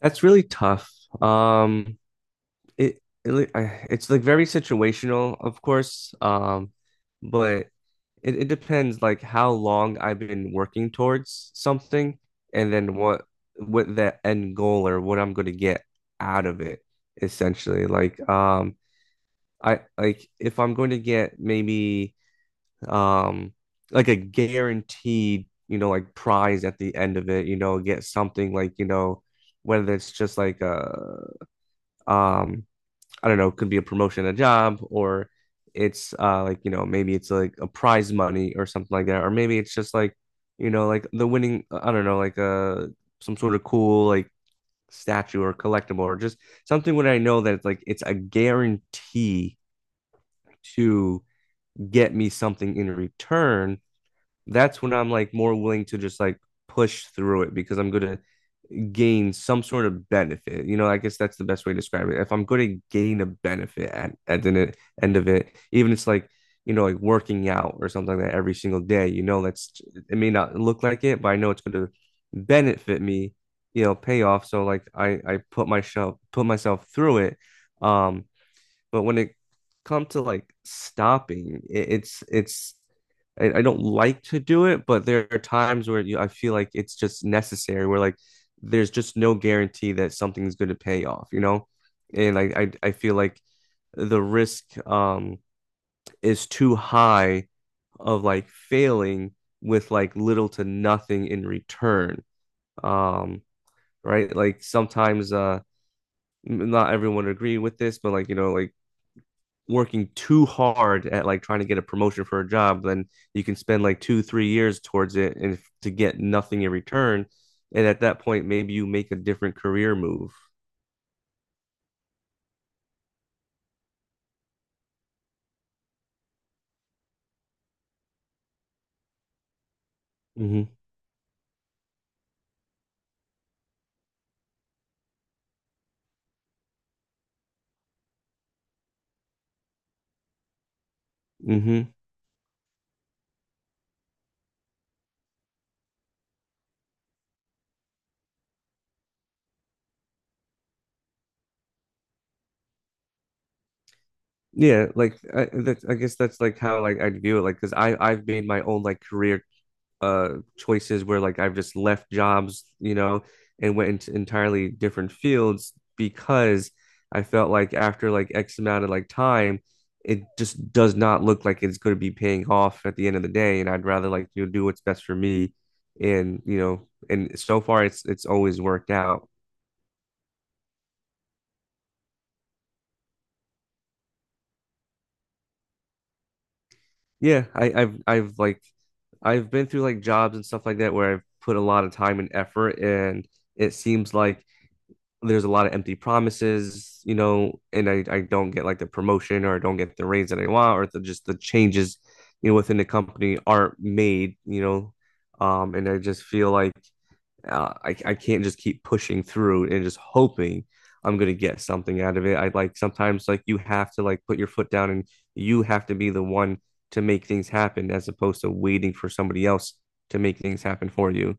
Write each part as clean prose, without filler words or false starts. That's really tough. Um, it's like very situational, of course. But it depends, like how long I've been working towards something, and then what that end goal or what I'm going to get out of it essentially. Like I, like, if I'm going to get maybe um like a guaranteed, you know, like prize at the end of it, you know, get something like, you know, whether it's just like a um I don't know, could be a promotion, a job, or it's like, you know, maybe it's like a prize money or something like that, or maybe it's just like, you know, like the winning, I don't know, like some sort of cool, like, statue or collectible, or just something where I know that it's like it's a guarantee to get me something in return. That's when I'm like more willing to just like push through it because I'm gonna gain some sort of benefit. You know, I guess that's the best way to describe it. If I'm going to gain a benefit at the end of it, even it's like, you know, like working out or something like that every single day, you know, that's, it may not look like it, but I know it's going to benefit me, you know, pay off. So like I put myself, put myself through it. Um but when it comes to like stopping, it's I don't like to do it, but there are times where you, I feel like it's just necessary. Where like there's just no guarantee that something's going to pay off, you know? And like I feel like the risk is too high of like failing with like little to nothing in return. Um, right? Like sometimes not everyone agree with this, but like you know, like working too hard at like trying to get a promotion for a job, then you can spend like two, 3 years towards it and to get nothing in return. And at that point, maybe you make a different career move. Hmm. Hmm. Yeah, like I, that's, I guess that's like how like I view it. Like, because I've made my own like career uh choices where like I've just left jobs, you know, and went into entirely different fields because I felt like after like X amount of like time, it just does not look like it's going to be paying off at the end of the day, and I'd rather like you know do what's best for me, and you know, and so far it's always worked out. Yeah, I, I've like I've been through like jobs and stuff like that where I've put a lot of time and effort, and it seems like there's a lot of empty promises, you know, and I don't get like the promotion or I don't get the raise that I want or the, just the changes, you know, within the company aren't made, you know, and I just feel like I can't just keep pushing through and just hoping I'm going to get something out of it. I like sometimes like you have to like put your foot down and you have to be the one to make things happen as opposed to waiting for somebody else to make things happen for you.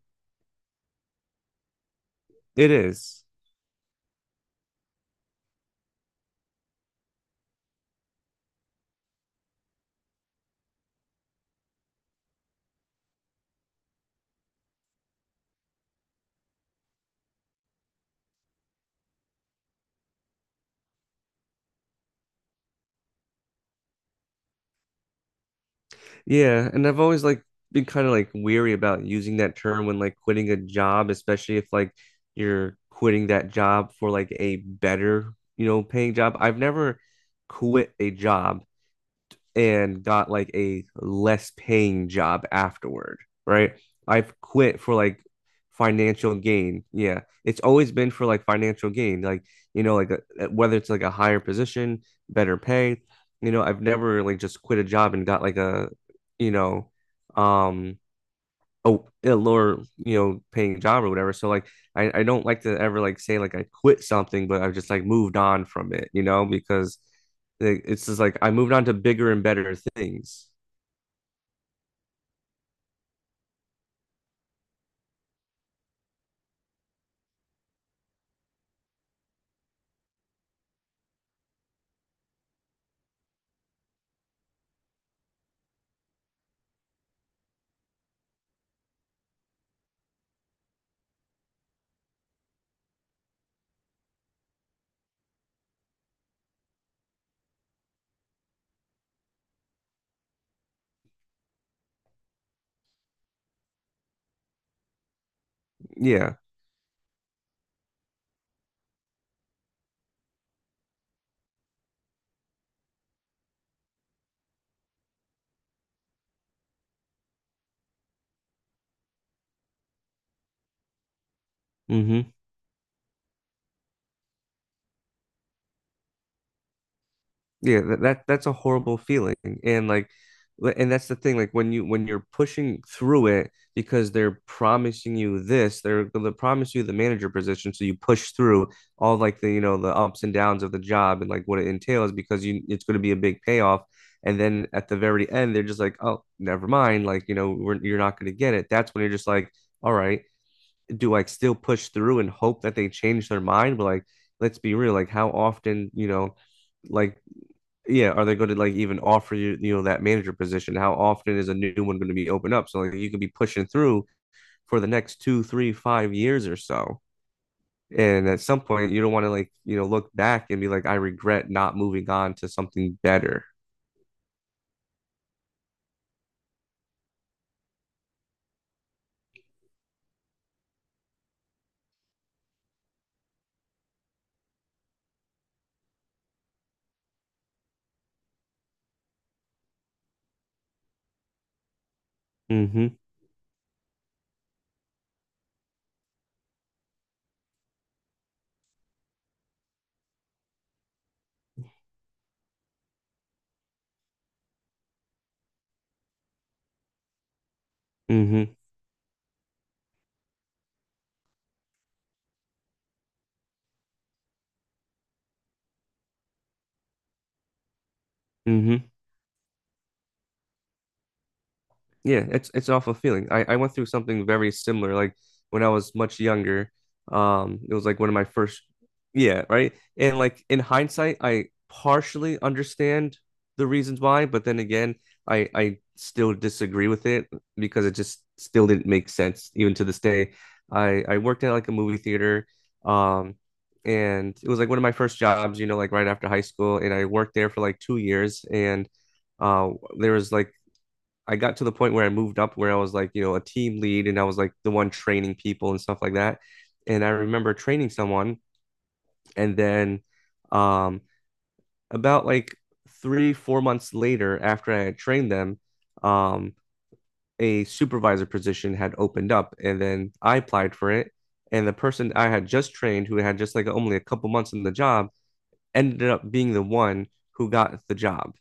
It is. Yeah, and I've always like been kind of like weary about using that term when like quitting a job, especially if like you're quitting that job for like a better, you know, paying job. I've never quit a job and got like a less paying job afterward, right? I've quit for like financial gain. Yeah, it's always been for like financial gain, like you know, like a, whether it's like a higher position, better pay. You know, I've never like just quit a job and got like a, you know, um, oh, a lower, you know, paying job or whatever, so like I don't like to ever like say like I quit something, but I've just like moved on from it, you know, because like it's just like I moved on to bigger and better things. Yeah. Hmm. Yeah, that's a horrible feeling. And like and that's the thing, like when you when you're pushing through it because they're promising you this, they're gonna promise you the manager position. So you push through all like the you know the ups and downs of the job and like what it entails because you it's gonna be a big payoff. And then at the very end, they're just like, oh, never mind. Like, you know, we're, you're not gonna get it. That's when you're just like, all right, do I still push through and hope that they change their mind? But like, let's be real, like how often, you know, like yeah, are they going to like even offer you, you know, that manager position? How often is a new one going to be opened up? So like you could be pushing through for the next two, three, 5 years or so. And at some point, you don't want to like, you know, look back and be like, I regret not moving on to something better. Mm-hmm. Mm-hmm. Mm-hmm. Yeah, it's an awful feeling. I went through something very similar, like when I was much younger. It was like one of my first, yeah, right. And like in hindsight, I partially understand the reasons why, but then again, I still disagree with it because it just still didn't make sense even to this day. I worked at like a movie theater, um, and it was like one of my first jobs, you know, like right after high school, and I worked there for like 2 years, and uh, there was like I got to the point where I moved up where I was like, you know, a team lead and I was like the one training people and stuff like that. And I remember training someone and then um about like three, 4 months later after I had trained them, um, a supervisor position had opened up and then I applied for it. And the person I had just trained who had just like only a couple months in the job ended up being the one who got the job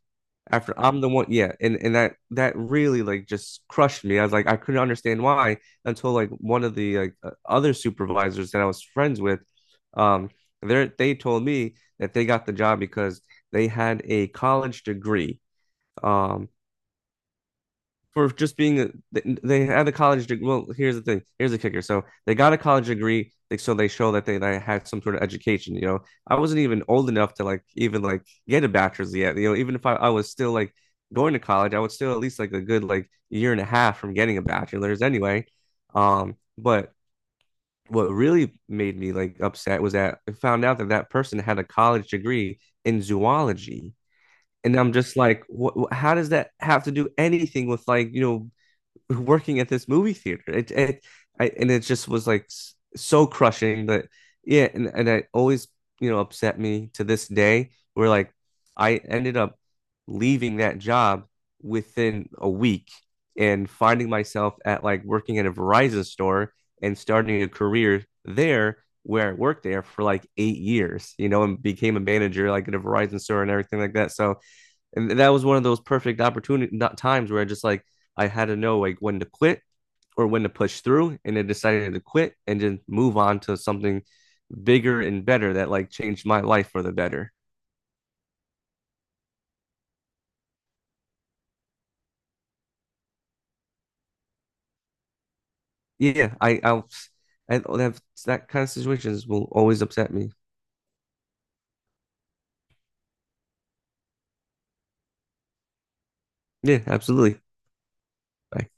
after I'm the one, yeah, and that that really like just crushed me. I was like, I couldn't understand why until like one of the like other supervisors that I was friends with, um, they told me that they got the job because they had a college degree, um, for just being a, they, had a college degree. Well, here's the thing. Here's the kicker. So they got a college degree, so they show that they had some sort of education. You know, I wasn't even old enough to like even like get a bachelor's yet. You know, even if I, I was still like going to college, I would still at least like a good like year and a half from getting a bachelor's anyway. But what really made me like upset was that I found out that that person had a college degree in zoology, and I'm just like, what, how does that have to do anything with like you know working at this movie theater. It I, and it just was like so crushing, but yeah, and it always you know upset me to this day. Where like I ended up leaving that job within a week and finding myself at like working at a Verizon store and starting a career there where I worked there for like 8 years, you know, and became a manager like at a Verizon store and everything like that. So and that was one of those perfect opportunity not times where I just like I had to know like when to quit or when to push through, and I decided to quit and just move on to something bigger and better that like changed my life for the better. Yeah, I that that kind of situations will always upset me. Yeah, absolutely. I